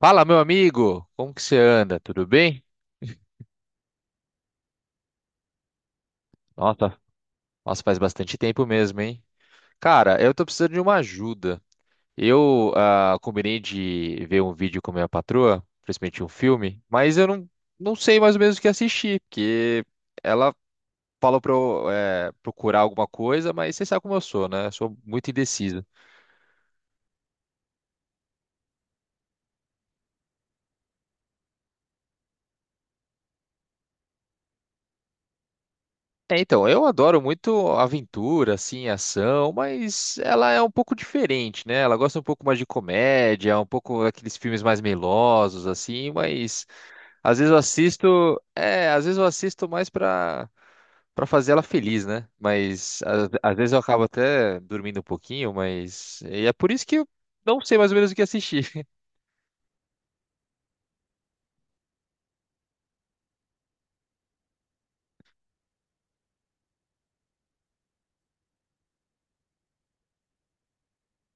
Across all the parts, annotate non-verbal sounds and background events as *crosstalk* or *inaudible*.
Fala, meu amigo! Como que você anda? Tudo bem? Nossa, nossa, faz bastante tempo mesmo, hein? Cara, eu tô precisando de uma ajuda. Eu combinei de ver um vídeo com minha patroa, principalmente um filme, mas eu não, não sei mais ou menos o que assistir, porque ela falou pra eu procurar alguma coisa, mas você sabe como eu sou, né? Eu sou muito indeciso. É, então, eu adoro muito aventura, assim, ação, mas ela é um pouco diferente, né? Ela gosta um pouco mais de comédia, um pouco daqueles filmes mais melosos, assim, mas às vezes eu assisto, é, às vezes eu assisto mais pra, pra fazer ela feliz, né? Mas às vezes eu acabo até dormindo um pouquinho, mas e é por isso que eu não sei mais ou menos o que assistir. *laughs*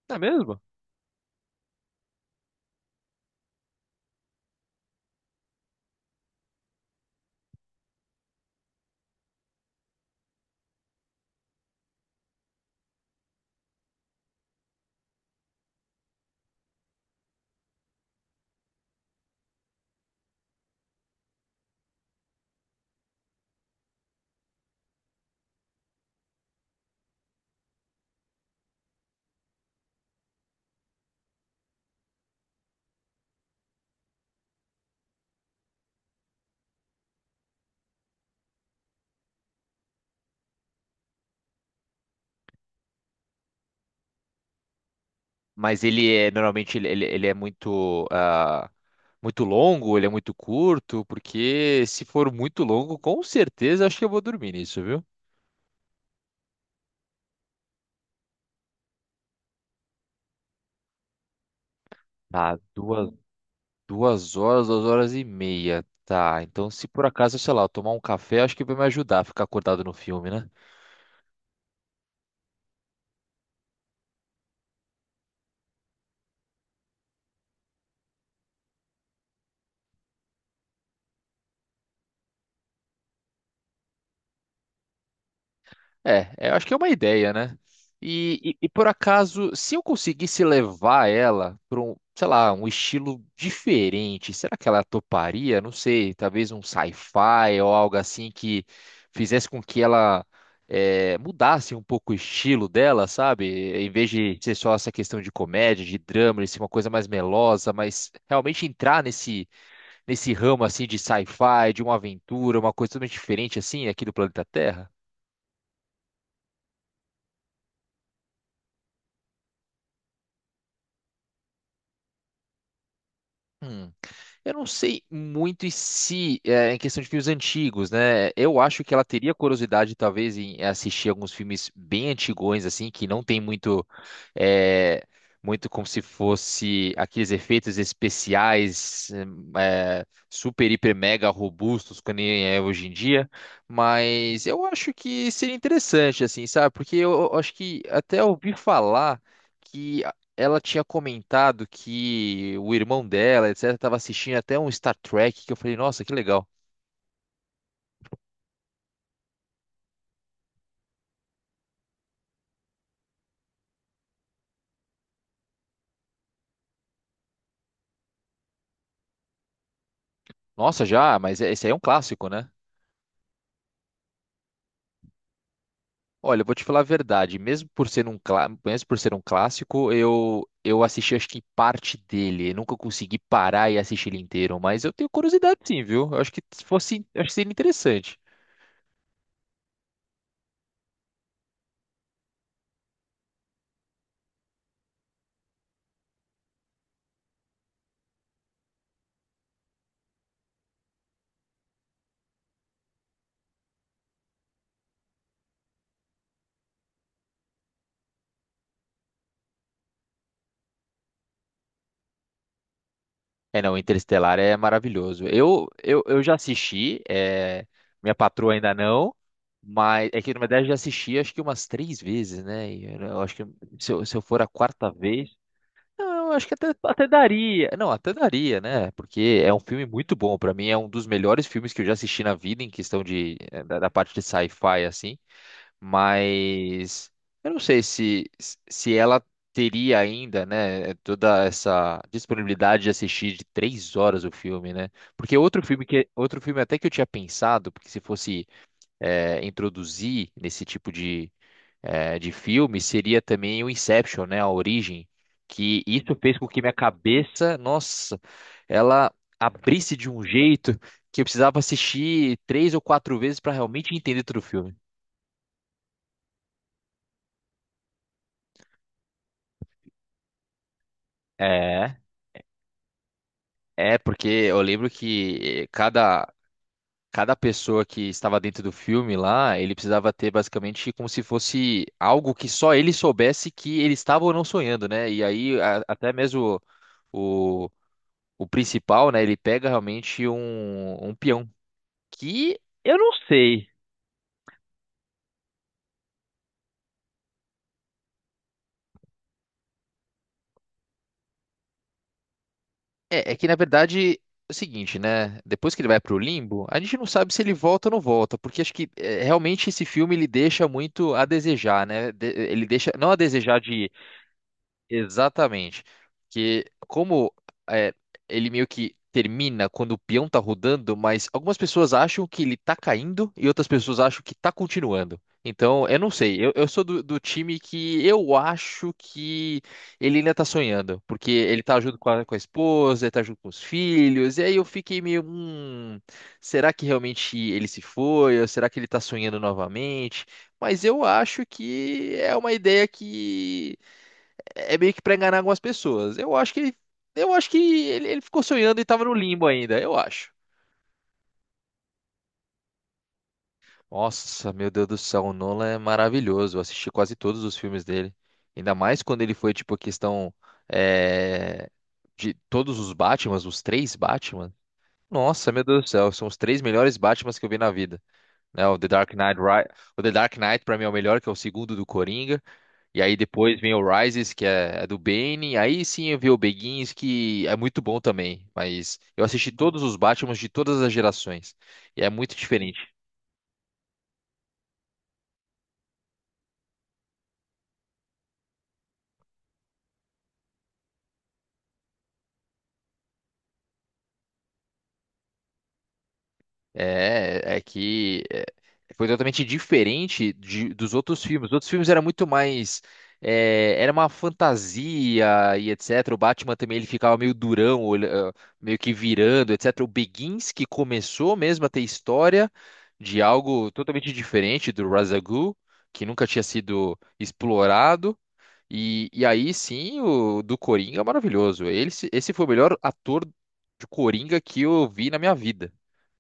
Não é mesmo? Mas ele é normalmente ele é muito muito longo, ele é muito curto, porque se for muito longo, com certeza acho que eu vou dormir nisso, viu? Tá, duas, duas horas e meia. Tá, então se por acaso, sei lá, eu tomar um café, acho que vai me ajudar a ficar acordado no filme, né? É, é, eu acho que é uma ideia, né? E por acaso, se eu conseguisse levar ela para um, sei lá, um estilo diferente, será que ela toparia? Não sei, talvez um sci-fi ou algo assim que fizesse com que ela mudasse um pouco o estilo dela, sabe? Em vez de ser só essa questão de comédia, de drama, de ser uma coisa mais melosa, mas realmente entrar nesse ramo assim de sci-fi, de uma aventura, uma coisa totalmente diferente assim aqui do planeta Terra. Hum. Eu não sei muito e se é, em questão de filmes antigos, né? Eu acho que ela teria curiosidade, talvez, em assistir alguns filmes bem antigões, assim, que não tem muito, é, muito como se fosse aqueles efeitos especiais, é, super, hiper, mega robustos, que nem é hoje em dia. Mas eu acho que seria interessante, assim, sabe? Porque eu acho que até ouvi falar que ela tinha comentado que o irmão dela, etc, estava assistindo até um Star Trek, que eu falei, nossa, que legal. Nossa, já, mas é, esse aí é um clássico, né? Olha, eu vou te falar a verdade, mesmo por ser um, mesmo por ser um clássico, eu assisti acho que parte dele, eu nunca consegui parar e assistir ele inteiro, mas eu tenho curiosidade sim, viu? Eu acho que se fosse, eu acho que seria interessante. É, não, Interestelar é maravilhoso. Eu já assisti, é, minha patroa ainda não, mas é que na verdade eu já assisti acho que umas três vezes, né? E eu acho que se eu for a quarta vez, não, eu acho que até, até daria. Não, até daria, né? Porque é um filme muito bom. Pra mim é um dos melhores filmes que eu já assisti na vida em questão de é, da, da parte de sci-fi assim. Mas eu não sei se, se ela teria ainda, né, toda essa disponibilidade de assistir de três horas o filme, né? Porque outro filme que outro filme até que eu tinha pensado, porque se fosse introduzir nesse tipo de, de filme, seria também o Inception, né, a origem, que isso fez com que minha cabeça, nossa, ela abrisse de um jeito que eu precisava assistir três ou quatro vezes para realmente entender todo o filme. É. É, porque eu lembro que cada pessoa que estava dentro do filme lá, ele precisava ter basicamente como se fosse algo que só ele soubesse que ele estava ou não sonhando, né? E aí, até mesmo o, o principal, né, ele pega realmente um, um peão. Que eu não sei. É, é que na verdade é o seguinte, né? Depois que ele vai pro limbo, a gente não sabe se ele volta ou não volta, porque acho que é, realmente esse filme ele deixa muito a desejar, né? Ele deixa não a desejar de. Exatamente. Que como é, ele meio que termina quando o peão tá rodando, mas algumas pessoas acham que ele tá caindo e outras pessoas acham que tá continuando. Então, eu não sei. Eu sou do, do time que eu acho que ele ainda tá sonhando. Porque ele tá junto com a esposa, ele tá junto com os filhos. E aí eu fiquei meio, será que realmente ele se foi? Ou será que ele tá sonhando novamente? Mas eu acho que é uma ideia que é meio que pra enganar algumas pessoas. Eu acho que ele ficou sonhando e tava no limbo ainda, eu acho. Nossa, meu Deus do céu, o Nolan é maravilhoso. Eu assisti quase todos os filmes dele. Ainda mais quando ele foi, tipo, a questão é, de todos os Batmans, os três Batman. Nossa, meu Deus do céu, são os três melhores Batmans que eu vi na vida, né? O The Dark Knight pra mim é o melhor, que é o segundo do Coringa. E aí depois vem o Rises, que é, é do Bane. Aí sim eu vi o Begins, que é muito bom também. Mas eu assisti todos os Batmans de todas as gerações. E é muito diferente. É, é que é, foi totalmente diferente dos outros filmes. Os outros filmes era muito mais, é, era uma fantasia e etc. O Batman também ele ficava meio durão, ah, meio que virando, etc. O Begins, que começou mesmo a ter história de algo totalmente diferente do Razagul, que nunca tinha sido explorado. E aí sim, o do Coringa é maravilhoso. Ele, se- esse foi o melhor ator de Coringa que eu vi na minha vida,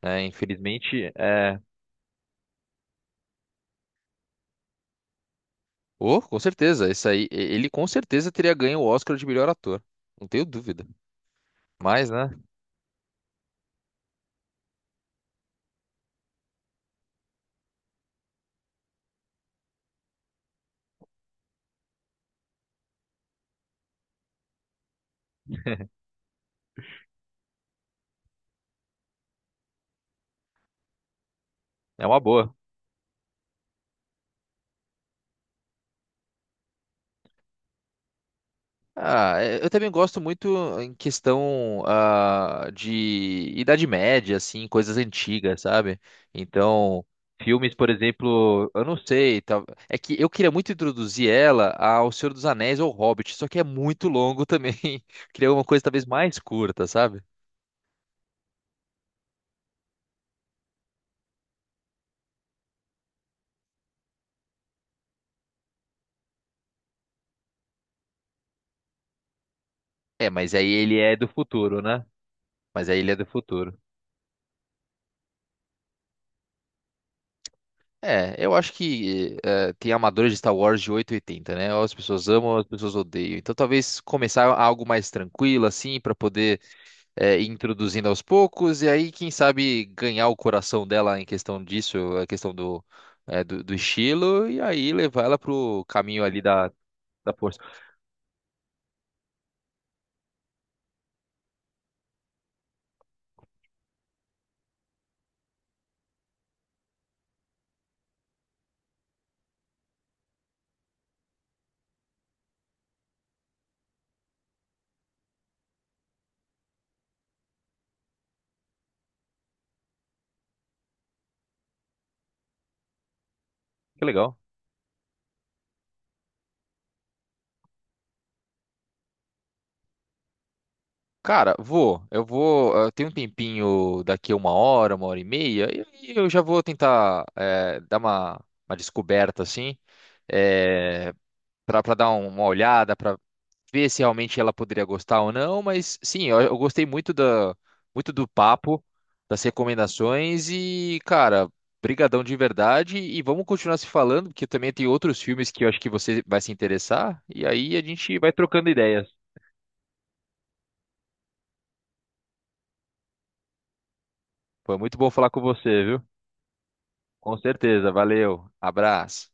né? Infelizmente, é. Oh, com certeza. Esse aí, ele com certeza teria ganho o Oscar de melhor ator. Não tenho dúvida. Mas, né? É uma boa. Ah, é, eu também gosto muito em questão de Idade Média, assim, coisas antigas, sabe? Então, filmes, por exemplo, eu não sei, é que eu queria muito introduzir ela ao Senhor dos Anéis ou Hobbit, só que é muito longo também. *laughs* Queria uma coisa talvez mais curta, sabe? É, mas aí ele é do futuro, né? Mas aí ele é do futuro. É, eu acho que tem amadores de Star Wars de oito e oitenta, né? Ou as pessoas amam, ou as pessoas odeiam. Então talvez começar algo mais tranquilo, assim, pra poder ir introduzindo aos poucos, e aí, quem sabe, ganhar o coração dela em questão disso, a questão do, do estilo, e aí levar ela pro caminho ali da, da força. Que legal. Cara, vou. Eu vou. Eu tenho um tempinho daqui a uma hora e meia, e aí eu já vou tentar dar uma descoberta, assim. eh, Para dar uma olhada, para ver se realmente ela poderia gostar ou não, mas sim, eu gostei muito da, muito do papo, das recomendações e, cara, brigadão de verdade e vamos continuar se falando, porque também tem outros filmes que eu acho que você vai se interessar e aí a gente vai trocando ideias. Foi muito bom falar com você, viu? Com certeza, valeu, abraço.